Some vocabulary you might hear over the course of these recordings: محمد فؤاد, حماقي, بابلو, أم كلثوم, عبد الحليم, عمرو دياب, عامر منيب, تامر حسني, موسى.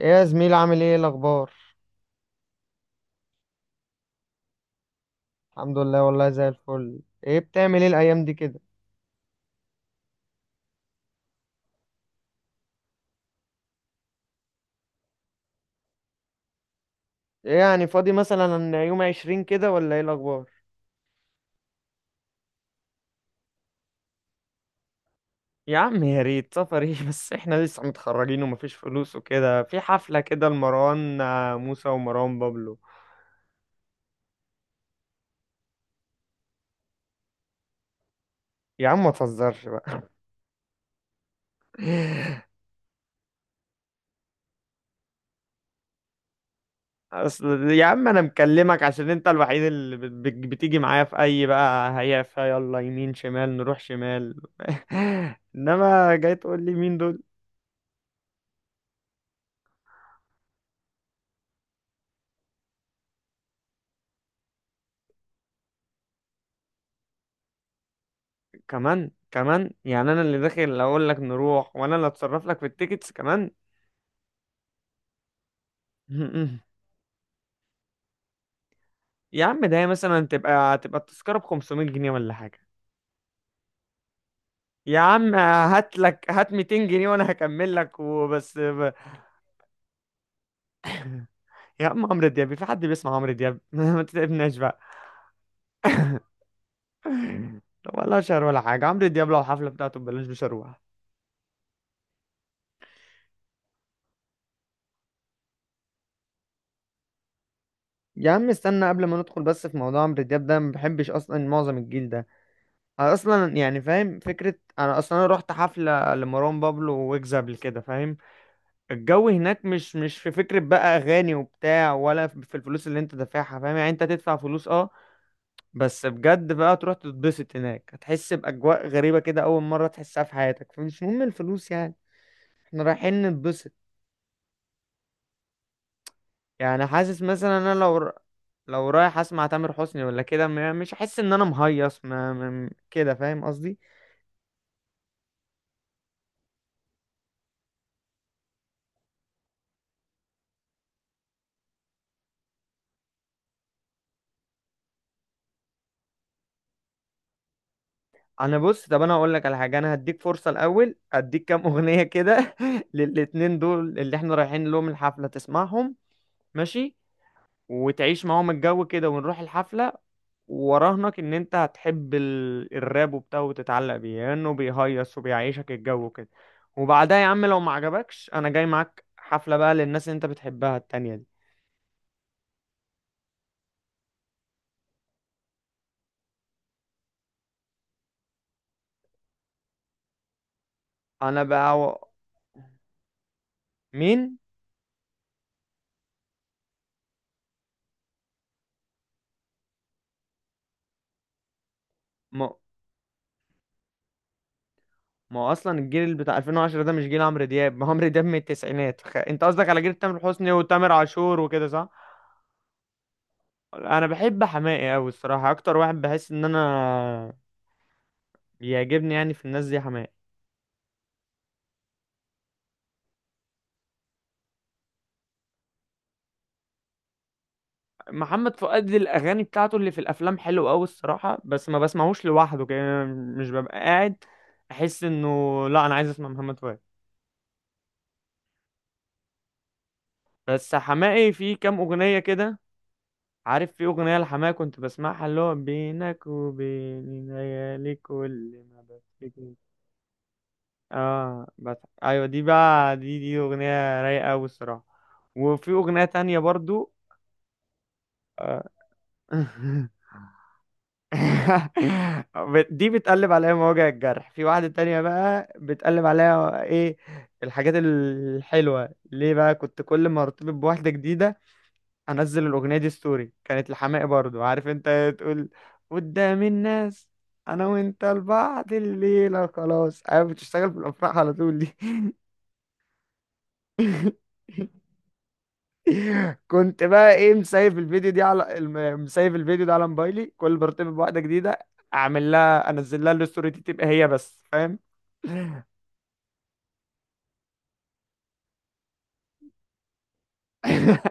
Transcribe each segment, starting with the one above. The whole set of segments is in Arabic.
ايه يا زميل، عامل ايه الاخبار؟ الحمد لله، والله زي الفل. ايه بتعمل ايه الايام دي كده؟ ايه يعني فاضي مثلا يوم 20 كده ولا ايه الاخبار؟ يا عم يا ريت! سفر ايه؟ بس احنا لسه متخرجين ومفيش فلوس، وكده في حفلة كده لمروان، موسى ومروان بابلو. يا عم ما تهزرش بقى. اصل يا عم انا مكلمك عشان انت الوحيد اللي بتيجي معايا في اي بقى، هيا فيا يلا يمين شمال نروح شمال. انما جاي تقول لي مين دول؟ كمان كمان يعني انا اللي داخل اقول لك نروح، وانا اللي اتصرف لك في التيكتس كمان؟ يا عم، ده هي مثلا تبقى التذكرة ب 500 جنيه ولا حاجة؟ يا عم هات لك هات 200 جنيه وانا هكمل لك، وبس. يا عم عمرو دياب؟ في حد بيسمع عمرو دياب؟ ما تتعبناش بقى. طب ولا شهر ولا حاجة، عمرو دياب لو الحفلة بتاعته ببلاش مش هروح. يا عم استنى، قبل ما ندخل بس في موضوع عمرو دياب ده، ما بحبش اصلا معظم الجيل ده. انا اصلا يعني فاهم فكره، انا اصلا انا رحت حفله لمروان بابلو ويجز قبل كده، فاهم؟ الجو هناك مش في فكره بقى اغاني وبتاع، ولا في الفلوس اللي انت دافعها، فاهم؟ يعني انت تدفع فلوس، اه. بس بجد بقى، تروح تتبسط هناك هتحس باجواء غريبه كده اول مره تحسها في حياتك، فمش مهم الفلوس يعني. احنا رايحين نتبسط. يعني حاسس مثلا انا لو لو رايح اسمع تامر حسني ولا كده مش هحس ان انا مهيص، كده فاهم قصدي؟ انا بص، طب انا اقول لك على حاجه، انا هديك فرصه، الاول اديك كام اغنيه كده للاتنين دول اللي احنا رايحين لهم الحفله، تسمعهم. ماشي. وتعيش معاهم الجو كده ونروح الحفله. وراهنك ان انت هتحب الراب وبتاع، وتتعلق بيه لانه بيهيص وبيعيشك الجو كده. وبعدها يا عم لو ما عجبكش انا جاي معاك حفله بقى للناس اللي انت بتحبها التانية دي. انا بقى. مين؟ ما هو اصلا الجيل بتاع 2010 ده مش جيل عمرو دياب، ما هو عمرو دياب من التسعينات. انت قصدك على جيل تامر حسني وتامر عاشور وكده صح؟ انا بحب حماقي قوي الصراحه، اكتر واحد بحس ان انا بيعجبني يعني في الناس دي حماقي. محمد فؤاد الاغاني بتاعته اللي في الافلام حلوه قوي الصراحه، بس ما بسمعوش لوحده كده مش ببقى قاعد، احس انه لا انا عايز اسمع محمد فؤاد. بس حماقي في كام اغنيه كده. عارف في اغنيه لحماقي كنت بسمعها، اللي هو بينك وبين ليالي كل ما بفتكر. اه بس. ايوه دي بقى، دي اغنيه رايقه قوي الصراحه. وفي اغنيه تانية برضو. دي بتقلب عليها مواجع الجرح، في واحده تانية بقى بتقلب عليها ايه؟ الحاجات الحلوه ليه بقى. كنت كل ما ارتبط بواحده جديده انزل الاغنيه دي ستوري، كانت لحماقي برضو، عارف انت تقول قدام الناس: انا وانت لبعض الليله خلاص. ايوه بتشتغل في الافراح على طول دي. كنت بقى ايه، مسايف الفيديو دي على مسايف الفيديو ده على موبايلي، كل ما ارتبط بواحده جديده اعمل لها، انزل لها الستوري دي تبقى هي بس، فاهم؟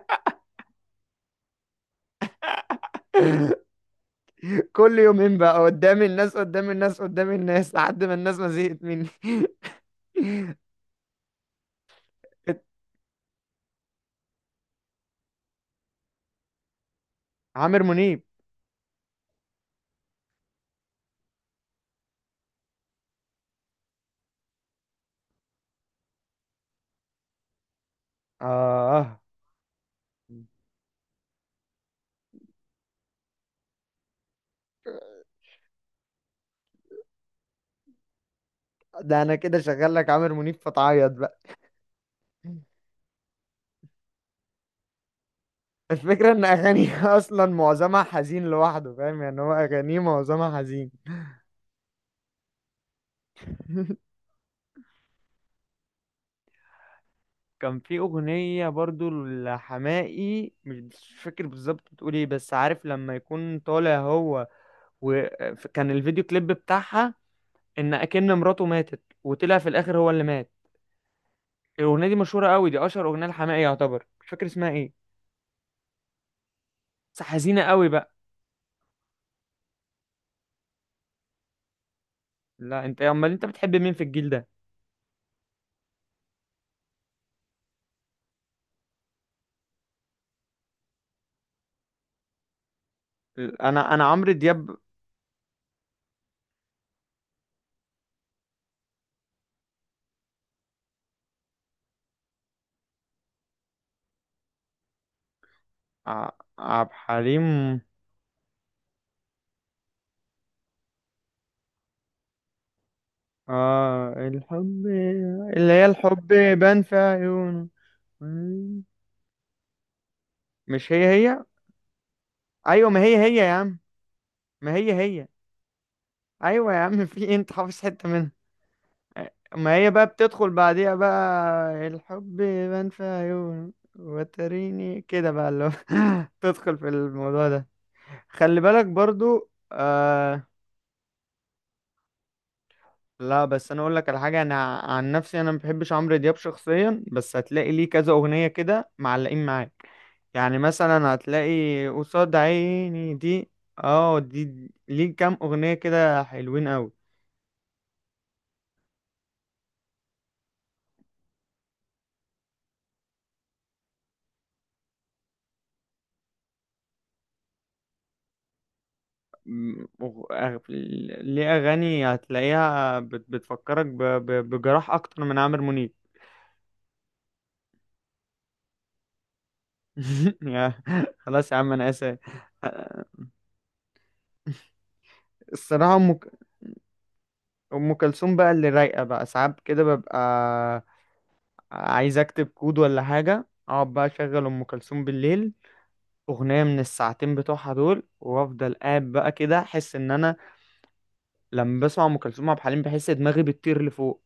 كل يومين بقى، قدام الناس قدام الناس قدام الناس، لحد ما الناس ما زهقت مني. عامر منيب. اه، ده انا كده شغال لك عامر منيب فتعيط بقى. الفكره ان اغانيه اصلا معظمها حزين لوحده، فاهم؟ يعني هو اغانيه معظمها حزين. كان في أغنية برضو لحماقي مش فاكر بالظبط بتقول ايه، بس عارف لما يكون طالع هو وكان الفيديو كليب بتاعها إن أكن مراته ماتت، وطلع في الآخر هو اللي مات. الأغنية دي مشهورة قوي، دي أشهر أغنية لحماقي يعتبر، مش فاكر اسمها ايه، بس حزينة قوي بقى. لا أنت، أمال أنت بتحب مين في الجيل ده؟ أنا عمرو دياب. ع- عبد الحليم. آه، الحب، اللي هي الحب بان في عيونه. مش هي هي. ايوه، ما هي هي يا عم. ما هي هي. ايوه يا عم، في إيه؟ انت حافظ حته منها. ما هي بقى بتدخل بعديها بقى الحب بان في عيون وتريني كده بقى، اللي هو تدخل في الموضوع ده. خلي بالك برضو آه. لا بس انا اقول لك على حاجه، انا عن نفسي انا ما بحبش عمرو دياب شخصيا، بس هتلاقي ليه كذا اغنيه كده معلقين معاك. يعني مثلا هتلاقي قصاد عيني دي. اه، دي ليه كام اغنيه كده حلوين قوي. ليه أغاني هتلاقيها بتفكرك بجراح أكتر من عامر منيب. يا- خلاص يا عم أنا آسف. الصراحة أم كلثوم بقى اللي رايقة، بقى ساعات كده ببقى عايز أكتب كود ولا حاجة، أقعد بقى أشغل أم كلثوم بالليل أغنية من الساعتين بتوعها دول، وأفضل قاعد بقى كده أحس إن أنا لما بسمع أم كلثوم عبد الحليم بحس دماغي بتطير لفوق.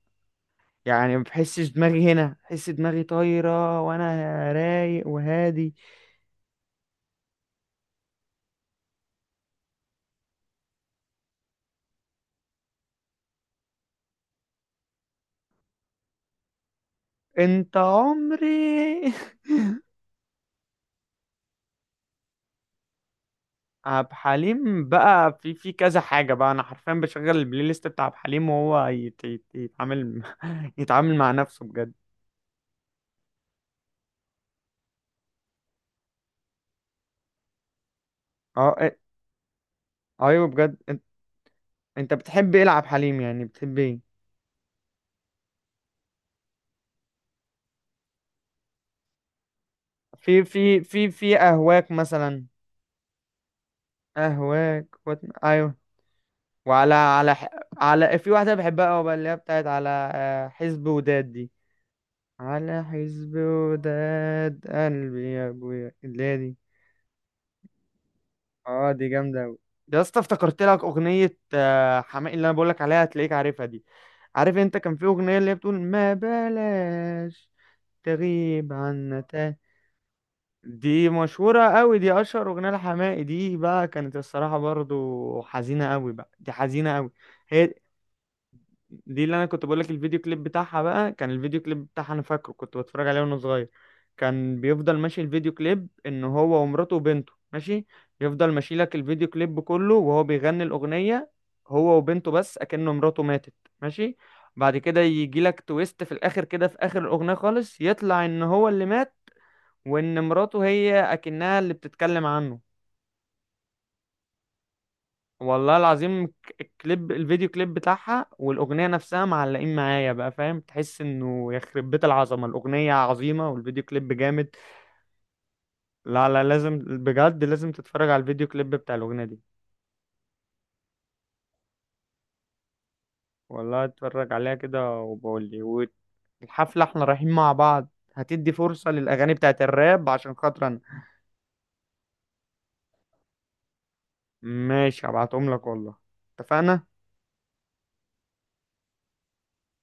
يعني ما بحسش دماغي هنا، بحس دماغي طايرة وانا رايق وهادي. انت عمري. عبد حليم بقى في كذا حاجة، بقى انا حرفيا بشغل البلاي ليست بتاع عبد حليم وهو يتعامل يتعامل مع نفسه بجد. اه إيه، ايوه بجد انت. أنت بتحب ايه لعب حليم، يعني بتحب ايه؟ في اهواك مثلا. اهواك ايوه. وعلى على ح- على، في واحدة بحبها قوي بقى اللي هي بتاعت على حزب وداد دي. على حزب وداد قلبي يا ابويا، اللي هي دي. اه دي جامده قوي. يا اسطى افتكرت لك اغنيه حماقي اللي انا بقول لك عليها، هتلاقيك عارفها دي. عارف انت كان في اغنيه اللي هي بتقول: ما بلاش تغيب عنا تاني. دي مشهوره قوي، دي اشهر اغنيه لحماقي، دي بقى كانت الصراحه برضو حزينه قوي بقى، دي حزينه قوي. هي دي اللي انا كنت بقول لك، الفيديو كليب بتاعها بقى، كان الفيديو كليب بتاعها انا فاكره، كنت بتفرج عليه وانا صغير. كان بيفضل ماشي الفيديو كليب ان هو ومراته وبنته ماشي، يفضل ماشي لك الفيديو كليب كله وهو بيغني الاغنية، هو وبنته بس اكنه مراته ماتت. ماشي. بعد كده يجي لك تويست في الاخر كده، في اخر الاغنية خالص يطلع ان هو اللي مات، وان مراته هي اكنها اللي بتتكلم عنه. والله العظيم كليب الفيديو كليب بتاعها والاغنيه نفسها معلقين معايا بقى، فاهم؟ تحس انه يخرب بيت العظمه، الاغنيه عظيمه والفيديو كليب جامد. لا لا لازم بجد، لازم تتفرج على الفيديو كليب بتاع الاغنيه دي. والله اتفرج عليها كده وبقول لي. والحفله احنا رايحين مع بعض، هتدي فرصه للاغاني بتاعت الراب عشان خاطر انا. ماشي هبعتهم لك والله. اتفقنا.